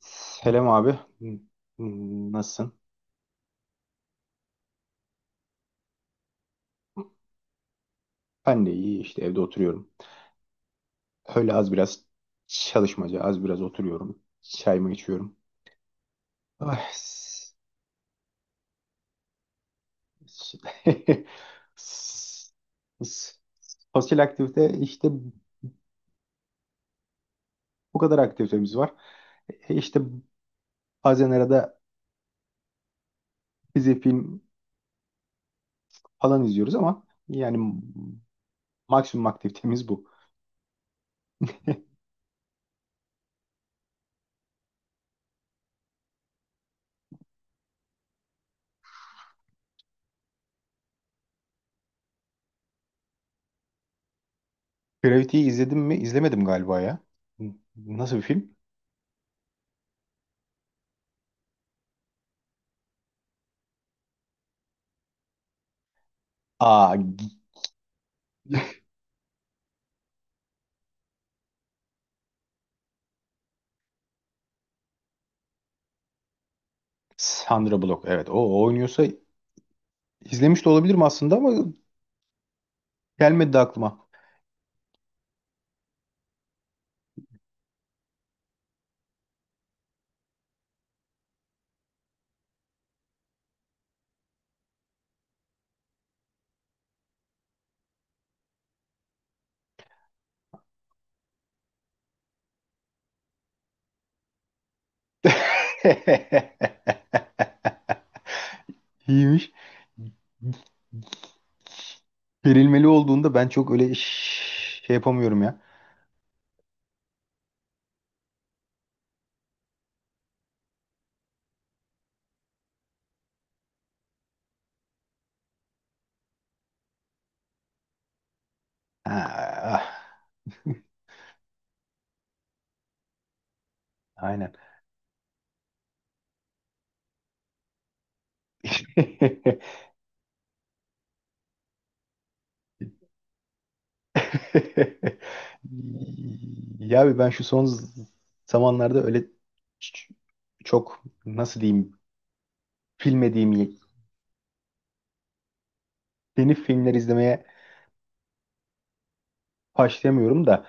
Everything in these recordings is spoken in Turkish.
Selam abi. Nasılsın? Ben de iyi işte evde oturuyorum. Öyle az biraz çalışmaca, az biraz oturuyorum. Çayımı içiyorum. Ah, s- s- s- s- Sosyal aktivite işte bu kadar aktivitemiz var. İşte bazen arada dizi film falan izliyoruz ama yani maksimum aktivitemiz bu. Gravity'yi izledim mi? İzlemedim galiba ya. Nasıl bir film? Aa, Sandra Bullock, evet, o oynuyorsa izlemiş de olabilirim aslında ama gelmedi de aklıma. İyiymiş. Gerilmeli olduğunda ben çok öyle şey yapamıyorum ya. Ha, ah. Aynen. Ya abi ben şu son zamanlarda öyle ç- çok nasıl diyeyim bilmediğim yeni filmler izlemeye başlayamıyorum da.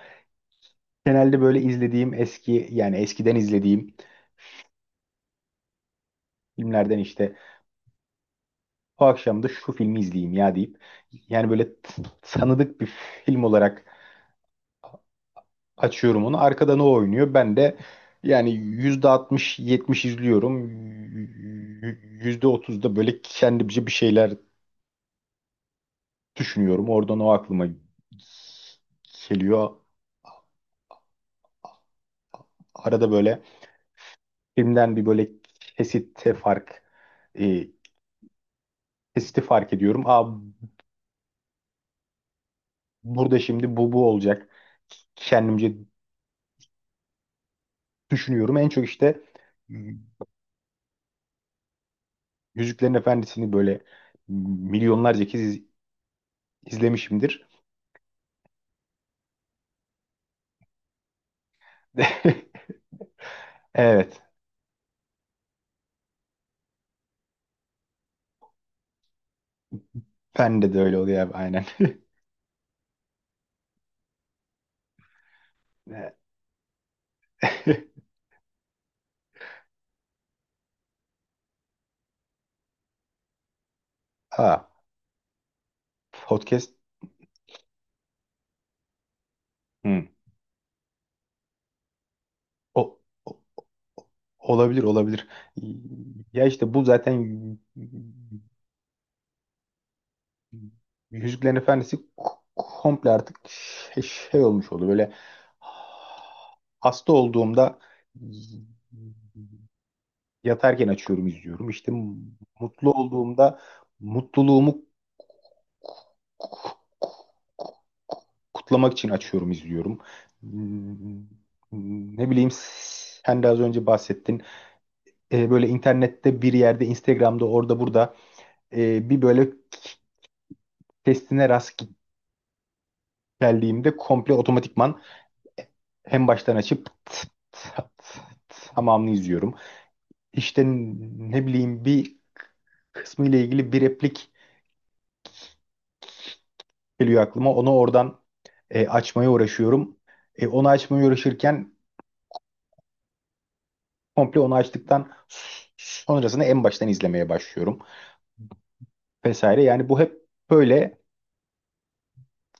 Genelde böyle izlediğim eski yani eskiden izlediğim filmlerden işte o akşam da şu filmi izleyeyim ya deyip yani böyle tanıdık bir film olarak açıyorum onu. Arkada ne oynuyor? Ben de yani yüzde altmış 70 izliyorum. Yüzde otuz da böyle kendimce bir şeyler düşünüyorum. Oradan o aklıma geliyor. Arada böyle filmden bir böyle kesite fark e, kesiti fark ediyorum. Aa, burada şimdi bu olacak. Kendimce düşünüyorum. En çok işte Yüzüklerin Efendisi'ni böyle milyonlarca kez izlemişimdir. Evet. Bende de öyle oluyor abi aynen. Ha, podcast. Hmm. O, o- olabilir, olabilir. Ya işte bu zaten Yüzüklerin Efendisi komple artık şey olmuş oldu. Böyle hasta olduğumda yatarken açıyorum, izliyorum. İşte mutlu olduğumda mutluluğumu kutlamak için açıyorum, izliyorum. Hmm, Ne bileyim, sen de az önce bahsettin. Böyle internette bir yerde Instagram'da orada burada bir böyle testine rast geldiğimde komple otomatikman en baştan açıp tıt tıt tıt tamamını izliyorum. İşte ne bileyim bir kısmı ile ilgili bir replik geliyor aklıma. Onu oradan açmaya uğraşıyorum. Onu açmaya uğraşırken komple onu açtıktan sonrasını en baştan izlemeye başlıyorum vesaire. Yani bu hep böyle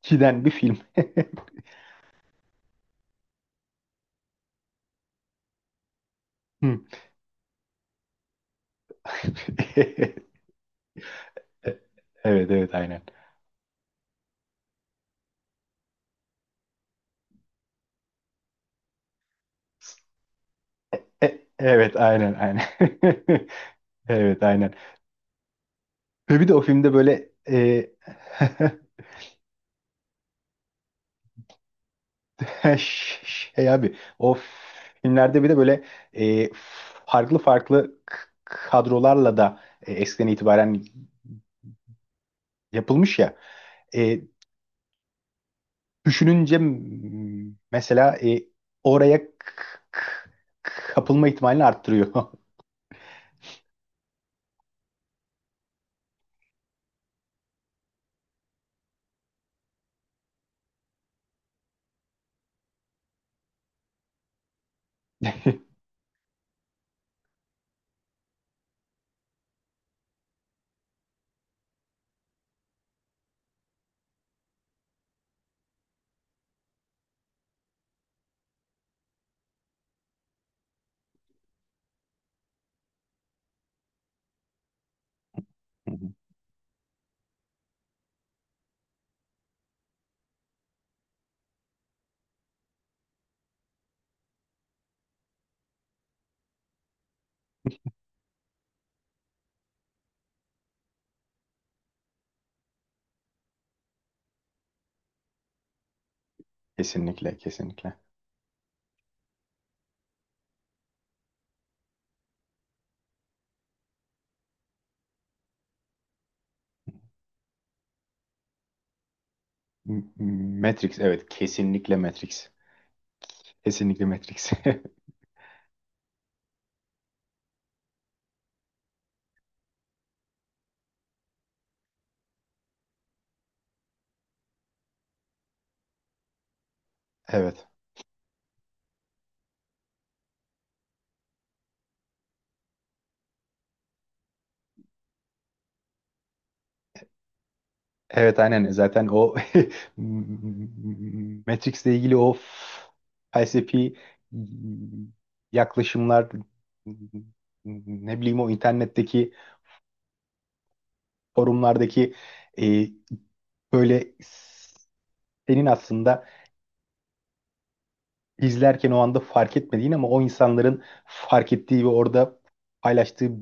giden bir film. Hmm. Evet, evet, aynen. Evet, aynen, aynen. Evet, aynen. Ve bir de o filmde böyle şey abi o filmlerde bir de böyle e, farklı farklı kadrolarla da eskiden itibaren yapılmış ya. E, düşününce mesela oraya k- kapılma ihtimalini arttırıyor. Hı hı. Kesinlikle, kesinlikle. M- Matrix, evet, kesinlikle Matrix. Kesinlikle Matrix. Evet. Evet aynen zaten o. Matrix'le ilgili o felsefi yaklaşımlar, ne bileyim, o internetteki forumlardaki e, böyle senin aslında izlerken o anda fark etmediğin ama o insanların fark ettiği ve orada paylaştığı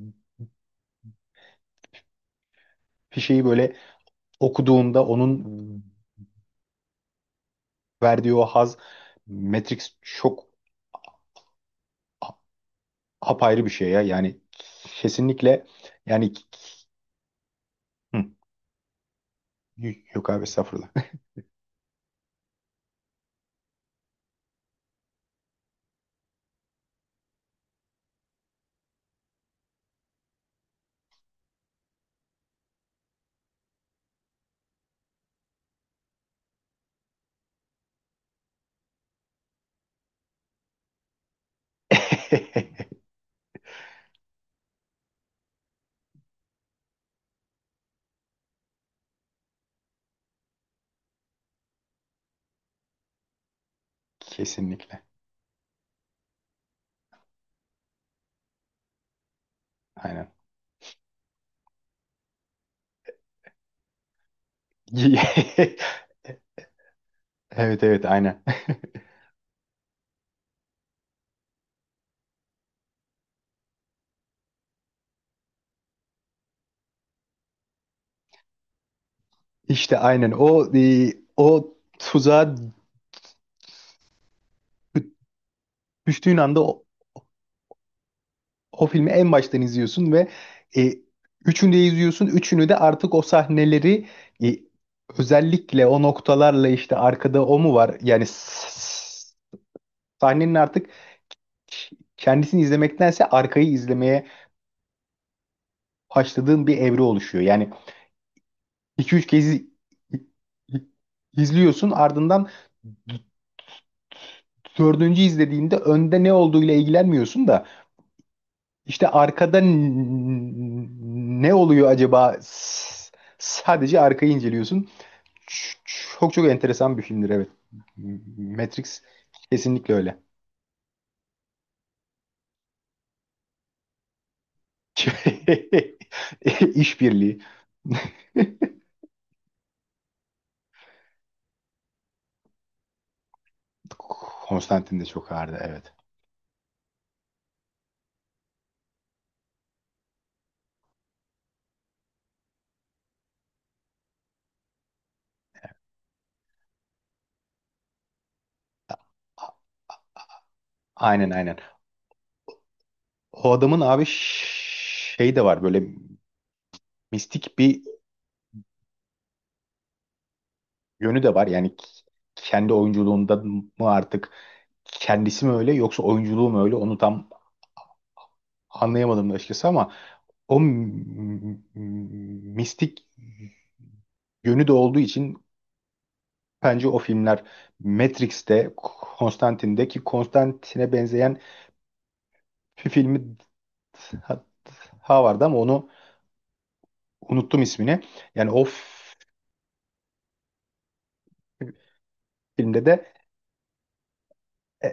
bir şeyi böyle okuduğunda onun verdiği o haz, Matrix çok apayrı bir şey ya. Yani kesinlikle, yani. Hı, yok abi, estağfurullah. Kesinlikle. Aynen. Evet, evet, aynen. İşte aynen o tuzağa dü- düştüğün anda o filmi en baştan izliyorsun ve e, üçünü de izliyorsun. Üçünü de artık o sahneleri e, özellikle o noktalarla işte arkada o mu var? Yani sahnenin artık kendisini izlemektense arkayı izlemeye haşladığın bir evre oluşuyor. Yani 2-3 kez i- izliyorsun, ardından d- dördüncü izlediğinde önde ne olduğuyla ilgilenmiyorsun da işte ne oluyor acaba, sadece arkayı inceliyorsun. Ç- Çok çok enteresan bir filmdir, evet. Matrix kesinlikle öyle. İşbirliği. Konstantin de çok ağırdı, evet. Aynen, aynen. O adamın abi şey de var, böyle mistik bir yönü de var. Yani kendi oyunculuğunda mı artık, kendisi mi öyle yoksa oyunculuğu mu öyle, onu tam anlayamadım da açıkçası ama o m- m- mistik yönü de olduğu için bence o filmler, Matrix'te, Konstantine'de ki Konstantine'e benzeyen bir filmi daha vardı ama onu unuttum ismini. Yani filmde de e,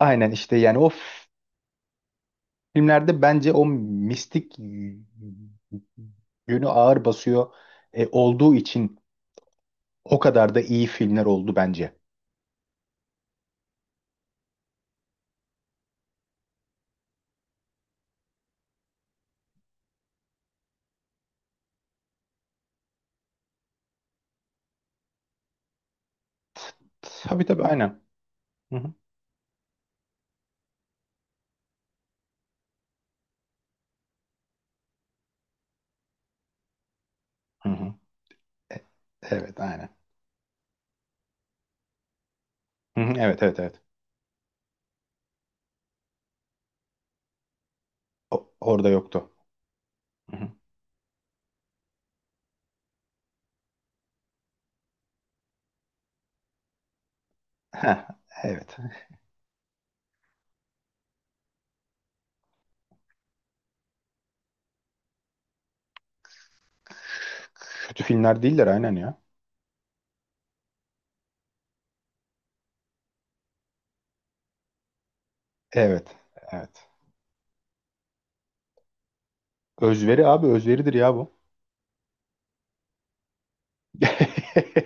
aynen işte, yani o filmlerde bence o mistik yönü ağır basıyor olduğu için o kadar da iyi filmler oldu bence. Tabii, tabii, aynen. Hı hı. Hı hı. E, evet, aynen. Hı hı, evet, evet, evet. O- orada yoktu. Hı hı. Heh, evet. Kötü filmler değiller, aynen ya. Evet. Evet. Özveri abi, özveridir ya bu.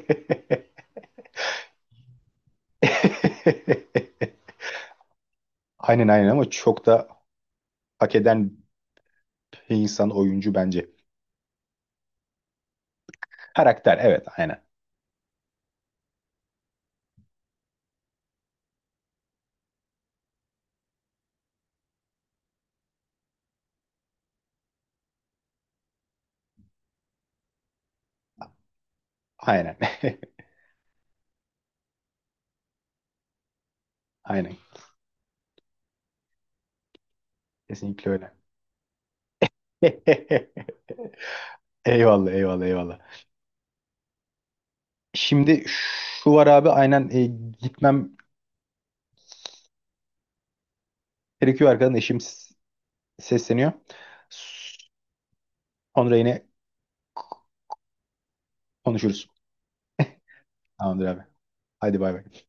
Aynen, aynen ama çok da hak eden bir insan, oyuncu bence. Karakter, evet, aynen. Aynen. Aynen. Kesinlikle öyle. Eyvallah, eyvallah, eyvallah. Şimdi şu var abi, aynen, gitmem gerekiyor, arkadan eşim sesleniyor. Sonra yine konuşuruz. Tamamdır abi. Hadi bay bay.